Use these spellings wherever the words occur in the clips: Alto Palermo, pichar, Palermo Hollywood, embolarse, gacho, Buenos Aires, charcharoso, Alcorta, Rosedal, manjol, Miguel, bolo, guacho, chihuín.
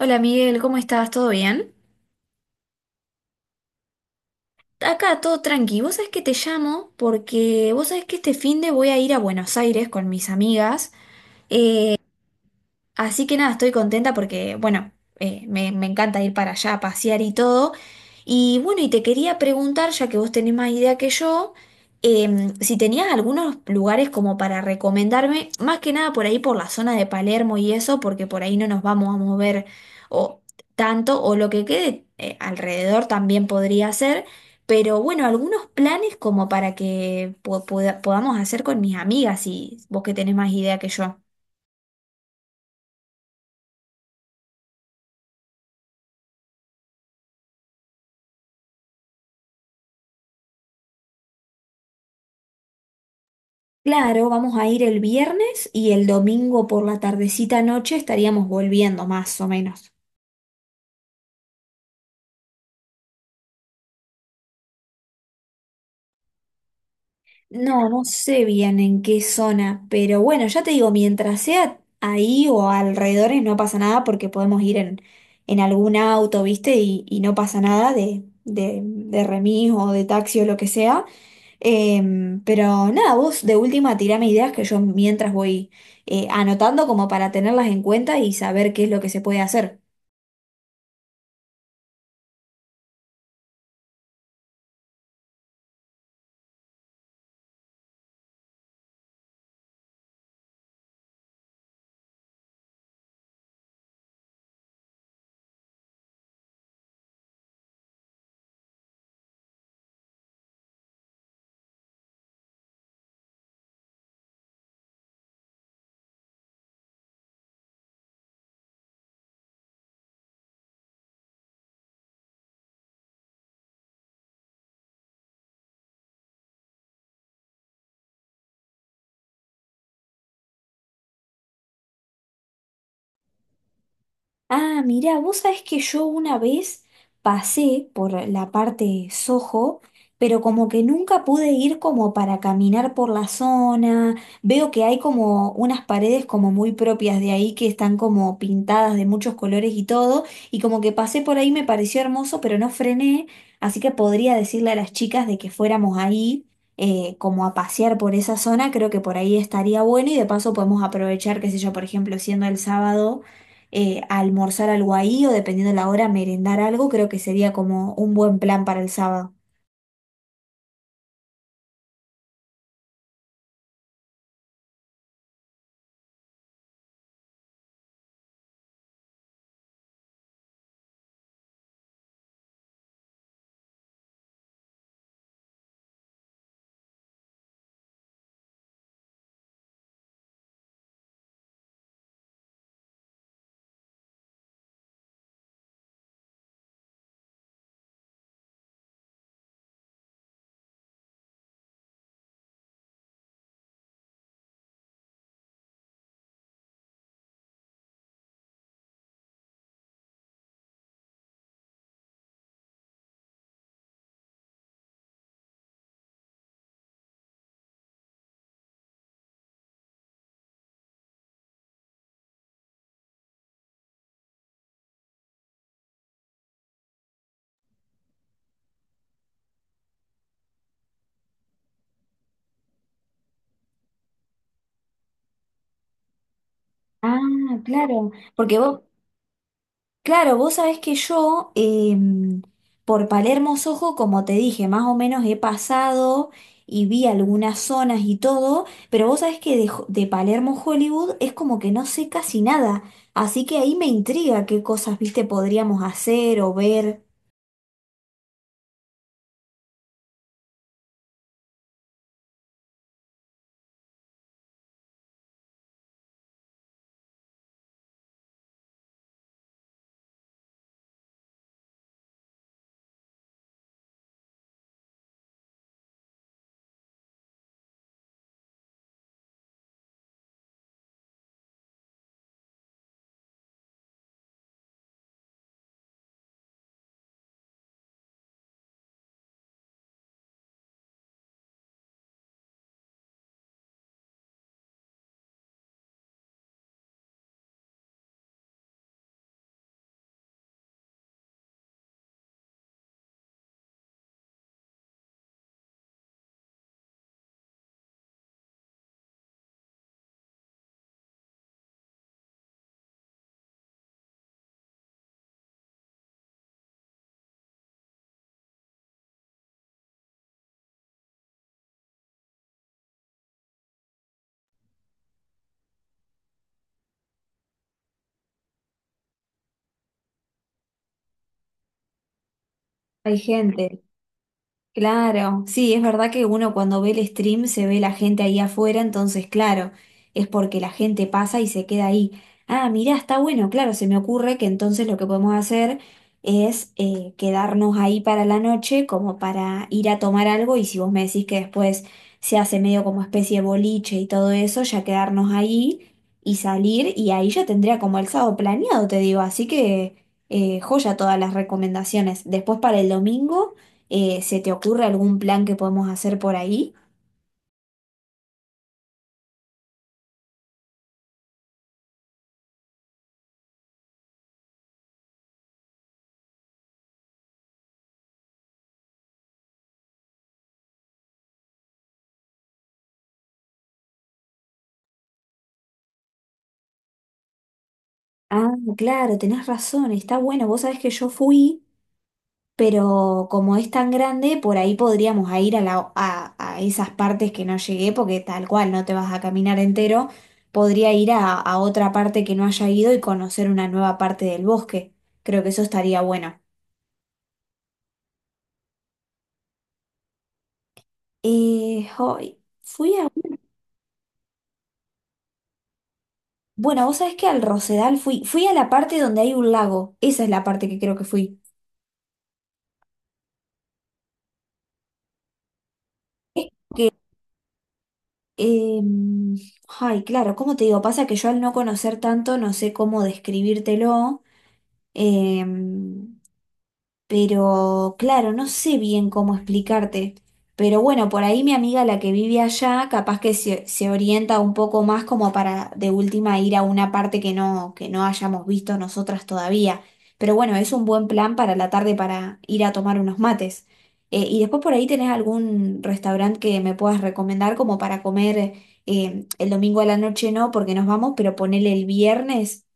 Hola Miguel, ¿cómo estás? ¿Todo bien? Acá todo tranqui. Vos sabés que te llamo porque vos sabés que este fin de voy a ir a Buenos Aires con mis amigas. Eh, Así que nada, estoy contenta porque, bueno, me encanta ir para allá a pasear y todo. Y bueno, y te quería preguntar, ya que vos tenés más idea que yo, si tenías algunos lugares como para recomendarme, más que nada por ahí por la zona de Palermo y eso, porque por ahí no nos vamos a mover o tanto, o lo que quede alrededor también podría ser. Pero bueno, algunos planes como para que podamos hacer con mis amigas, si vos que tenés más idea que yo. Claro, vamos a ir el viernes y el domingo por la tardecita noche estaríamos volviendo más o menos. No, no sé bien en qué zona, pero bueno, ya te digo, mientras sea ahí o alrededores no pasa nada porque podemos ir en algún auto, ¿viste? Y no pasa nada de remis o de taxi o lo que sea. Pero nada, vos de última tirame ideas que yo mientras voy anotando como para tenerlas en cuenta y saber qué es lo que se puede hacer. Ah, mirá, vos sabés que yo una vez pasé por la parte Soho, pero como que nunca pude ir como para caminar por la zona. Veo que hay como unas paredes como muy propias de ahí que están como pintadas de muchos colores y todo, y como que pasé por ahí me pareció hermoso, pero no frené, así que podría decirle a las chicas de que fuéramos ahí. Como a pasear por esa zona, creo que por ahí estaría bueno y de paso podemos aprovechar, qué sé yo, por ejemplo, siendo el sábado, almorzar algo ahí o dependiendo la hora, merendar algo, creo que sería como un buen plan para el sábado. Ah, claro, porque vos, claro, vos sabés que yo por Palermo Sojo, como te dije, más o menos he pasado y vi algunas zonas y todo, pero vos sabés que de Palermo Hollywood es como que no sé casi nada, así que ahí me intriga qué cosas, viste, podríamos hacer o ver. Hay gente. Claro, sí, es verdad que uno cuando ve el stream se ve la gente ahí afuera, entonces claro, es porque la gente pasa y se queda ahí. Ah, mirá, está bueno, claro, se me ocurre que entonces lo que podemos hacer es quedarnos ahí para la noche como para ir a tomar algo y si vos me decís que después se hace medio como especie de boliche y todo eso, ya quedarnos ahí y salir y ahí ya tendría como el sábado planeado, te digo, así que joya todas las recomendaciones. Después para el domingo. ¿Se te ocurre algún plan que podemos hacer por ahí? Ah, claro, tenés razón, está bueno. Vos sabés que yo fui, pero como es tan grande, por ahí podríamos a ir a esas partes que no llegué, porque tal cual no te vas a caminar entero. Podría ir a otra parte que no haya ido y conocer una nueva parte del bosque. Creo que eso estaría bueno. Hoy fui a... Bueno, vos sabés que al Rosedal fui, fui a la parte donde hay un lago. Esa es la parte que creo que fui. Em, Ay, claro, ¿cómo te digo? Pasa que yo al no conocer tanto no sé cómo describírtelo. Eh, pero claro, no sé bien cómo explicarte. Pero bueno, por ahí mi amiga, la que vive allá, capaz que se orienta un poco más como para de última ir a una parte que no hayamos visto nosotras todavía. Pero bueno, es un buen plan para la tarde para ir a tomar unos mates. Y después por ahí tenés algún restaurante que me puedas recomendar como para comer el domingo a la noche, no, porque nos vamos, pero ponele el viernes.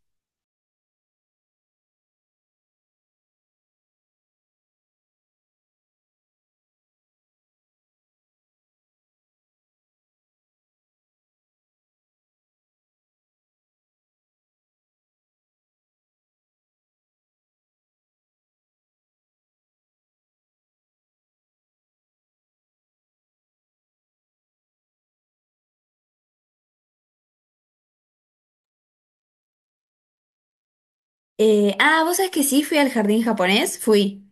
Ah, ¿vos sabés que sí? Fui al jardín japonés, fui.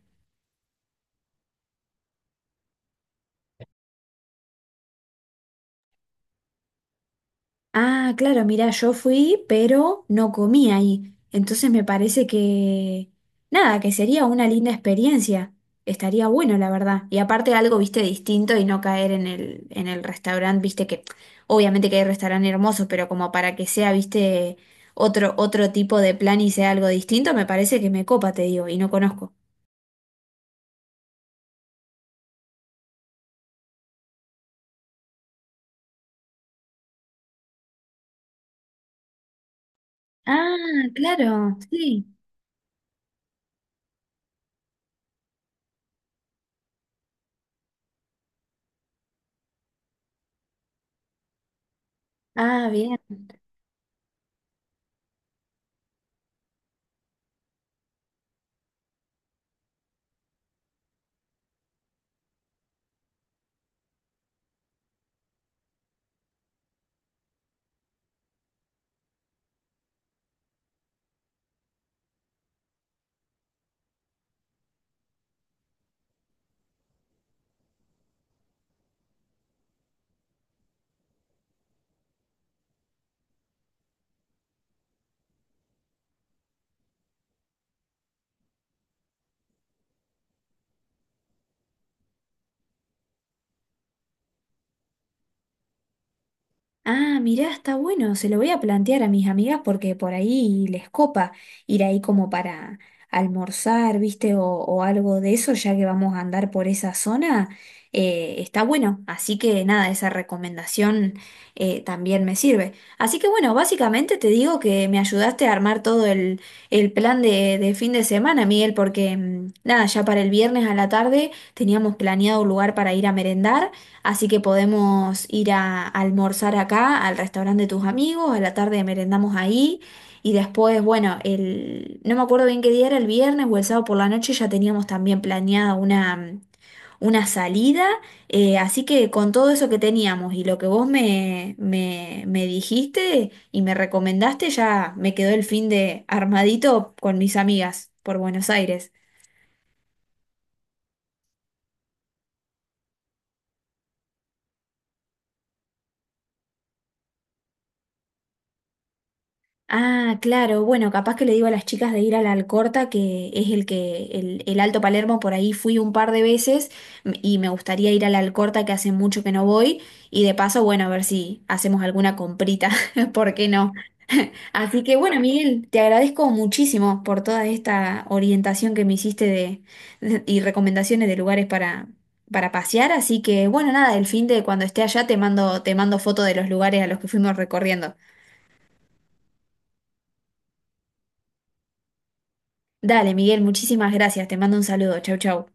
Ah, claro, mira, yo fui, pero no comí ahí. Entonces me parece que, nada, que sería una linda experiencia. Estaría bueno, la verdad. Y aparte algo, viste, distinto y no caer en el restaurante, viste, que obviamente que hay restaurantes hermosos, pero como para que sea, viste, otro tipo de plan y sea algo distinto, me parece que me copa, te digo, y no conozco. Ah, claro, sí. Ah, bien. Ah, mirá, está bueno, se lo voy a plantear a mis amigas porque por ahí les copa ir ahí como para almorzar, ¿viste? O algo de eso, ya que vamos a andar por esa zona, está bueno. Así que nada, esa recomendación también me sirve. Así que bueno, básicamente te digo que me ayudaste a armar todo el plan de fin de semana, Miguel, porque mm, nada, ya para el viernes a la tarde teníamos planeado un lugar para ir a merendar. Así que podemos ir a almorzar acá, al restaurante de tus amigos, a la tarde merendamos ahí y después, bueno, el, no me acuerdo bien qué día era, el viernes o el sábado por la noche ya teníamos también planeada una salida, así que con todo eso que teníamos y lo que vos me dijiste y me recomendaste, ya me quedó el fin de armadito con mis amigas por Buenos Aires. Ah, claro, bueno, capaz que le digo a las chicas de ir a la Alcorta, que es el que, el Alto Palermo, por ahí fui un par de veces y me gustaría ir a la Alcorta, que hace mucho que no voy, y de paso, bueno, a ver si hacemos alguna comprita, ¿por qué no? Así que bueno, Miguel, te agradezco muchísimo por toda esta orientación que me hiciste de, y recomendaciones de lugares para pasear, así que bueno, nada, el fin de cuando esté allá te mando foto de los lugares a los que fuimos recorriendo. Dale, Miguel, muchísimas gracias. Te mando un saludo. Chau, chau.